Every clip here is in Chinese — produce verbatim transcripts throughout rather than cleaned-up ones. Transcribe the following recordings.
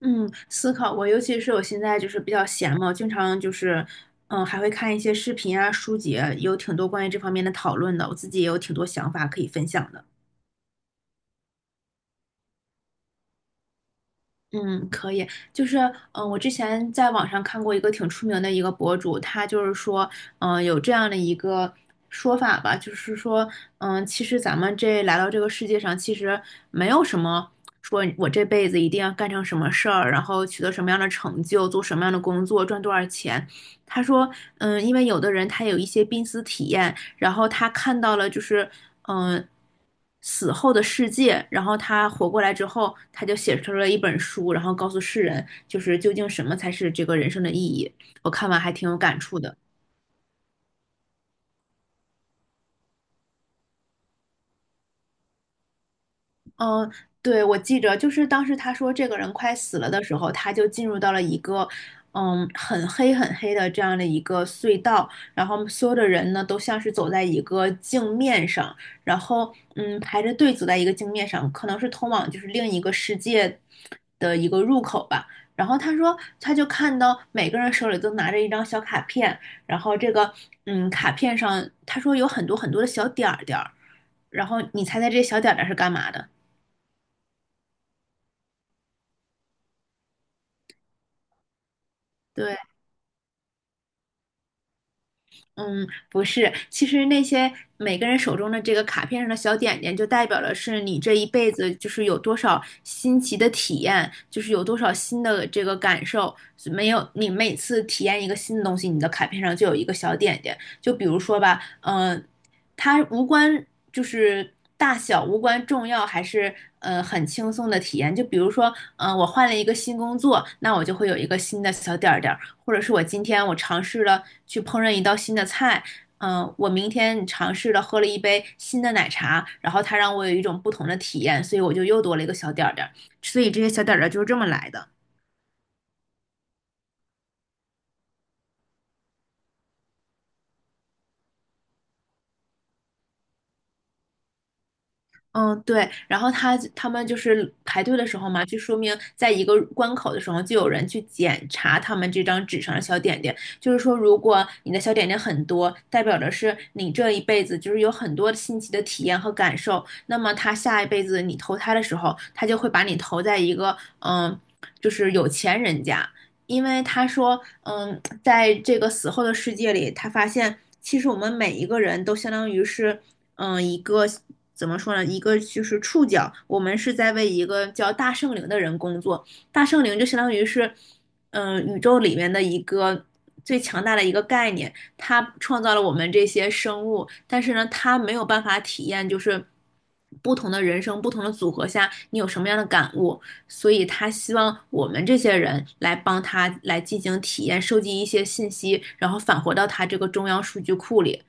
嗯，思考过。尤其是我现在就是比较闲嘛，我经常就是，嗯，还会看一些视频啊、书籍啊，有挺多关于这方面的讨论的，我自己也有挺多想法可以分享的。嗯，可以，就是，嗯、我之前在网上看过一个挺出名的一个博主，他就是说，嗯、有这样的一个说法吧。就是说，嗯、其实咱们这来到这个世界上，其实没有什么说我这辈子一定要干成什么事儿，然后取得什么样的成就，做什么样的工作，赚多少钱。他说，嗯，因为有的人他有一些濒死体验，然后他看到了就是嗯、呃死后的世界，然后他活过来之后，他就写出了一本书，然后告诉世人，就是究竟什么才是这个人生的意义。我看完还挺有感触的。嗯，对，我记着，就是当时他说这个人快死了的时候，他就进入到了一个，嗯，很黑很黑的这样的一个隧道，然后所有的人呢都像是走在一个镜面上，然后嗯排着队走在一个镜面上，可能是通往就是另一个世界的一个入口吧。然后他说，他就看到每个人手里都拿着一张小卡片，然后这个嗯卡片上他说有很多很多的小点儿点儿，然后你猜猜这些小点儿点儿是干嘛的？对，嗯，不是，其实那些每个人手中的这个卡片上的小点点，就代表的是你这一辈子就是有多少新奇的体验，就是有多少新的这个感受。没有，你每次体验一个新的东西，你的卡片上就有一个小点点。就比如说吧，嗯、它无关就是大小，无关重要，还是呃很轻松的体验。就比如说，嗯、我换了一个新工作，那我就会有一个新的小点儿点儿。或者是我今天我尝试了去烹饪一道新的菜，嗯，呃我明天尝试了喝了一杯新的奶茶，然后它让我有一种不同的体验，所以我就又多了一个小点儿点儿。所以这些小点儿点儿就是这么来的。嗯，对，然后他他们就是排队的时候嘛，就说明在一个关口的时候，就有人去检查他们这张纸上的小点点。就是说，如果你的小点点很多，代表着是你这一辈子就是有很多新奇的体验和感受。那么他下一辈子你投胎的时候，他就会把你投在一个嗯，就是有钱人家。因为他说嗯，在这个死后的世界里，他发现其实我们每一个人都相当于是。嗯、呃一个怎么说呢？一个就是触角，我们是在为一个叫大圣灵的人工作。大圣灵就相当于是，嗯、呃宇宙里面的一个最强大的一个概念。它创造了我们这些生物，但是呢，它没有办法体验就是不同的人生、不同的组合下你有什么样的感悟，所以他希望我们这些人来帮他来进行体验，收集一些信息，然后返回到他这个中央数据库里。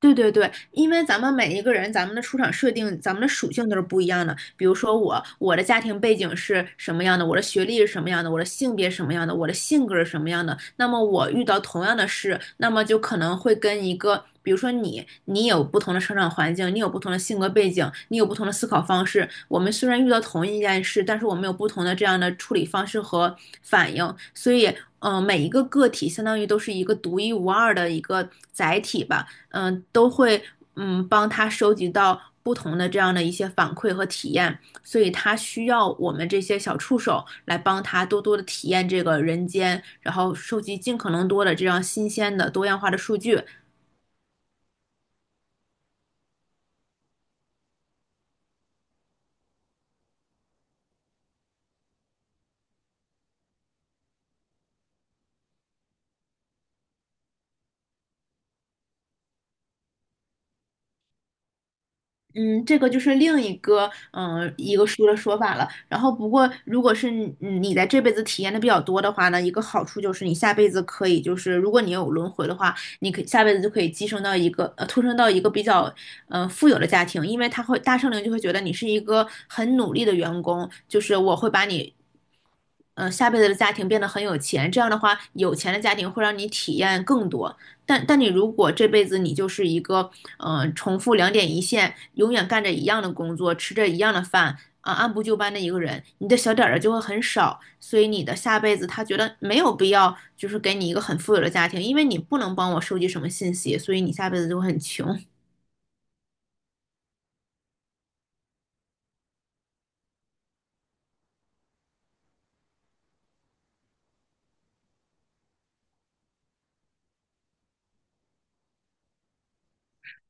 对对对，因为咱们每一个人，咱们的出场设定，咱们的属性都是不一样的。比如说我，我的家庭背景是什么样的，我的学历是什么样的，我的性别是什么样的，我的性格是什么样的。那么我遇到同样的事，那么就可能会跟一个，比如说你，你有不同的成长环境，你有不同的性格背景，你有不同的思考方式。我们虽然遇到同一件事，但是我们有不同的这样的处理方式和反应。所以，嗯、每一个个体相当于都是一个独一无二的一个载体吧。嗯，呃都会嗯帮他收集到不同的这样的一些反馈和体验，所以他需要我们这些小触手来帮他多多的体验这个人间，然后收集尽可能多的这样新鲜的多样化的数据。嗯，这个就是另一个嗯、呃一个书的说法了。然后不过，如果是你嗯你在这辈子体验的比较多的话呢，一个好处就是你下辈子可以就是如果你有轮回的话，你可以下辈子就可以寄生到一个呃托生到一个比较嗯、呃富有的家庭。因为他会大圣灵就会觉得你是一个很努力的员工，就是我会把你。嗯，呃下辈子的家庭变得很有钱，这样的话，有钱的家庭会让你体验更多。但但你如果这辈子你就是一个，嗯，重复两点一线，永远干着一样的工作，吃着一样的饭，啊，按部就班的一个人，你的小点儿就会很少，所以你的下辈子他觉得没有必要，就是给你一个很富有的家庭。因为你不能帮我收集什么信息，所以你下辈子就会很穷。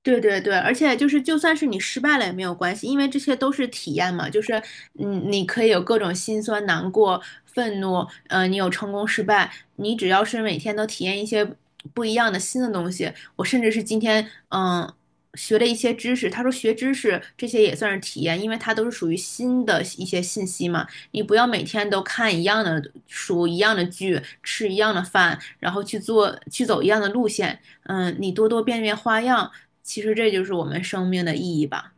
对对对，而且就是，就算是你失败了也没有关系，因为这些都是体验嘛。就是，嗯，你可以有各种心酸、难过、愤怒，呃，你有成功、失败，你只要是每天都体验一些不一样的新的东西。我甚至是今天，嗯，学了一些知识。他说学知识这些也算是体验，因为它都是属于新的一些信息嘛。你不要每天都看一样的书、一样的剧、吃一样的饭，然后去做、去走一样的路线。嗯，你多多变变花样。其实这就是我们生命的意义吧。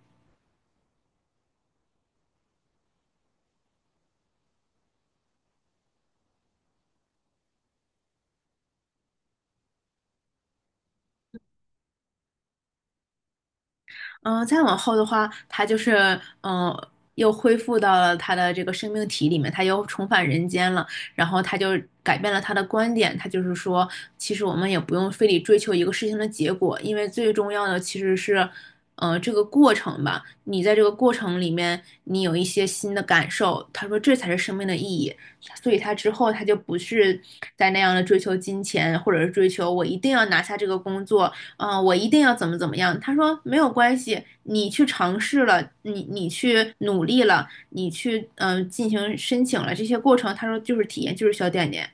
嗯、呃再往后的话，他就是嗯、呃又恢复到了他的这个生命体里面，他又重返人间了。然后他就改变了他的观点，他就是说，其实我们也不用非得追求一个事情的结果，因为最重要的其实是，呃，这个过程吧。你在这个过程里面，你有一些新的感受，他说这才是生命的意义。所以他之后他就不是在那样的追求金钱，或者是追求我一定要拿下这个工作，嗯、呃我一定要怎么怎么样。他说没有关系，你去尝试了，你你去努力了，你去嗯、呃进行申请了，这些过程，他说就是体验，就是小点点。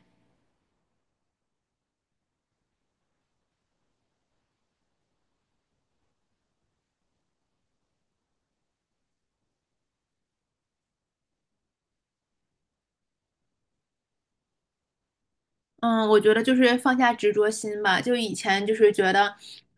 嗯，我觉得就是放下执着心吧。就以前就是觉得，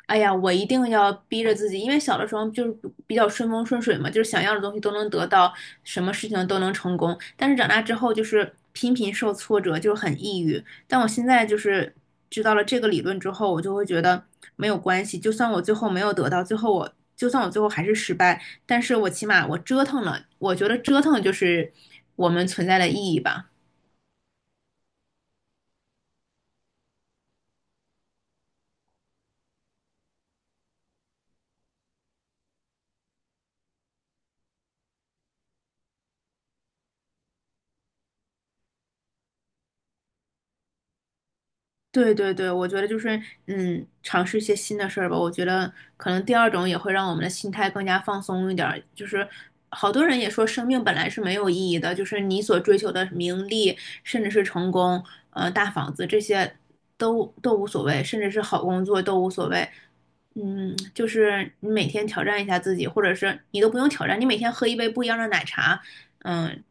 哎呀，我一定要逼着自己，因为小的时候就是比较顺风顺水嘛，就是想要的东西都能得到，什么事情都能成功。但是长大之后就是频频受挫折，就是很抑郁。但我现在就是知道了这个理论之后，我就会觉得没有关系，就算我最后没有得到，最后我就算我最后还是失败，但是我起码我折腾了，我觉得折腾就是我们存在的意义吧。对对对，我觉得就是嗯，尝试一些新的事儿吧。我觉得可能第二种也会让我们的心态更加放松一点儿。就是好多人也说，生命本来是没有意义的，就是你所追求的名利，甚至是成功，呃，大房子这些都都无所谓，甚至是好工作都无所谓。嗯，就是你每天挑战一下自己，或者是你都不用挑战，你每天喝一杯不一样的奶茶，嗯，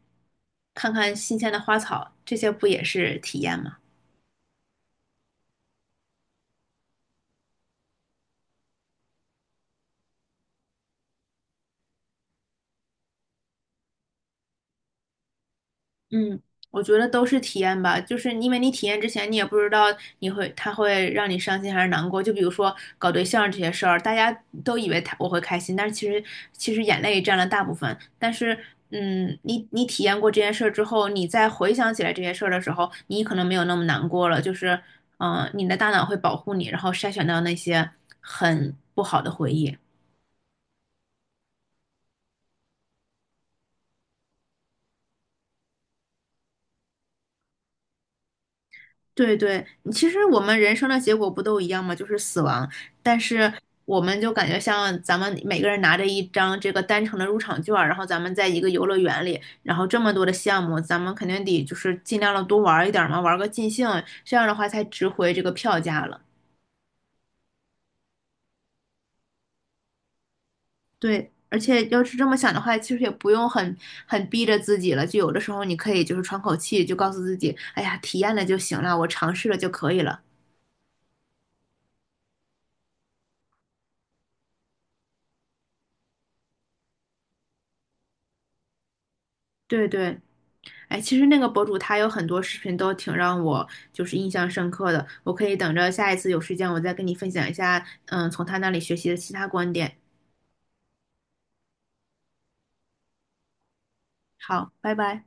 看看新鲜的花草，这些不也是体验吗？嗯，我觉得都是体验吧。就是因为你体验之前，你也不知道你会他会让你伤心还是难过。就比如说搞对象这些事儿，大家都以为他我会开心，但是其实其实眼泪占了大部分。但是，嗯，你你体验过这件事儿之后，你再回想起来这些事儿的时候，你可能没有那么难过了。就是，嗯、你的大脑会保护你，然后筛选到那些很不好的回忆。对对，其实我们人生的结果不都一样吗？就是死亡。但是我们就感觉像咱们每个人拿着一张这个单程的入场券儿，然后咱们在一个游乐园里，然后这么多的项目，咱们肯定得就是尽量的多玩儿一点儿嘛，玩儿个尽兴，这样的话才值回这个票价了。对，而且要是这么想的话，其实也不用很很逼着自己了。就有的时候你可以就是喘口气，就告诉自己，哎呀，体验了就行了，我尝试了就可以了。对对。哎，其实那个博主他有很多视频都挺让我就是印象深刻的，我可以等着下一次有时间我再跟你分享一下，嗯，从他那里学习的其他观点。好，拜拜。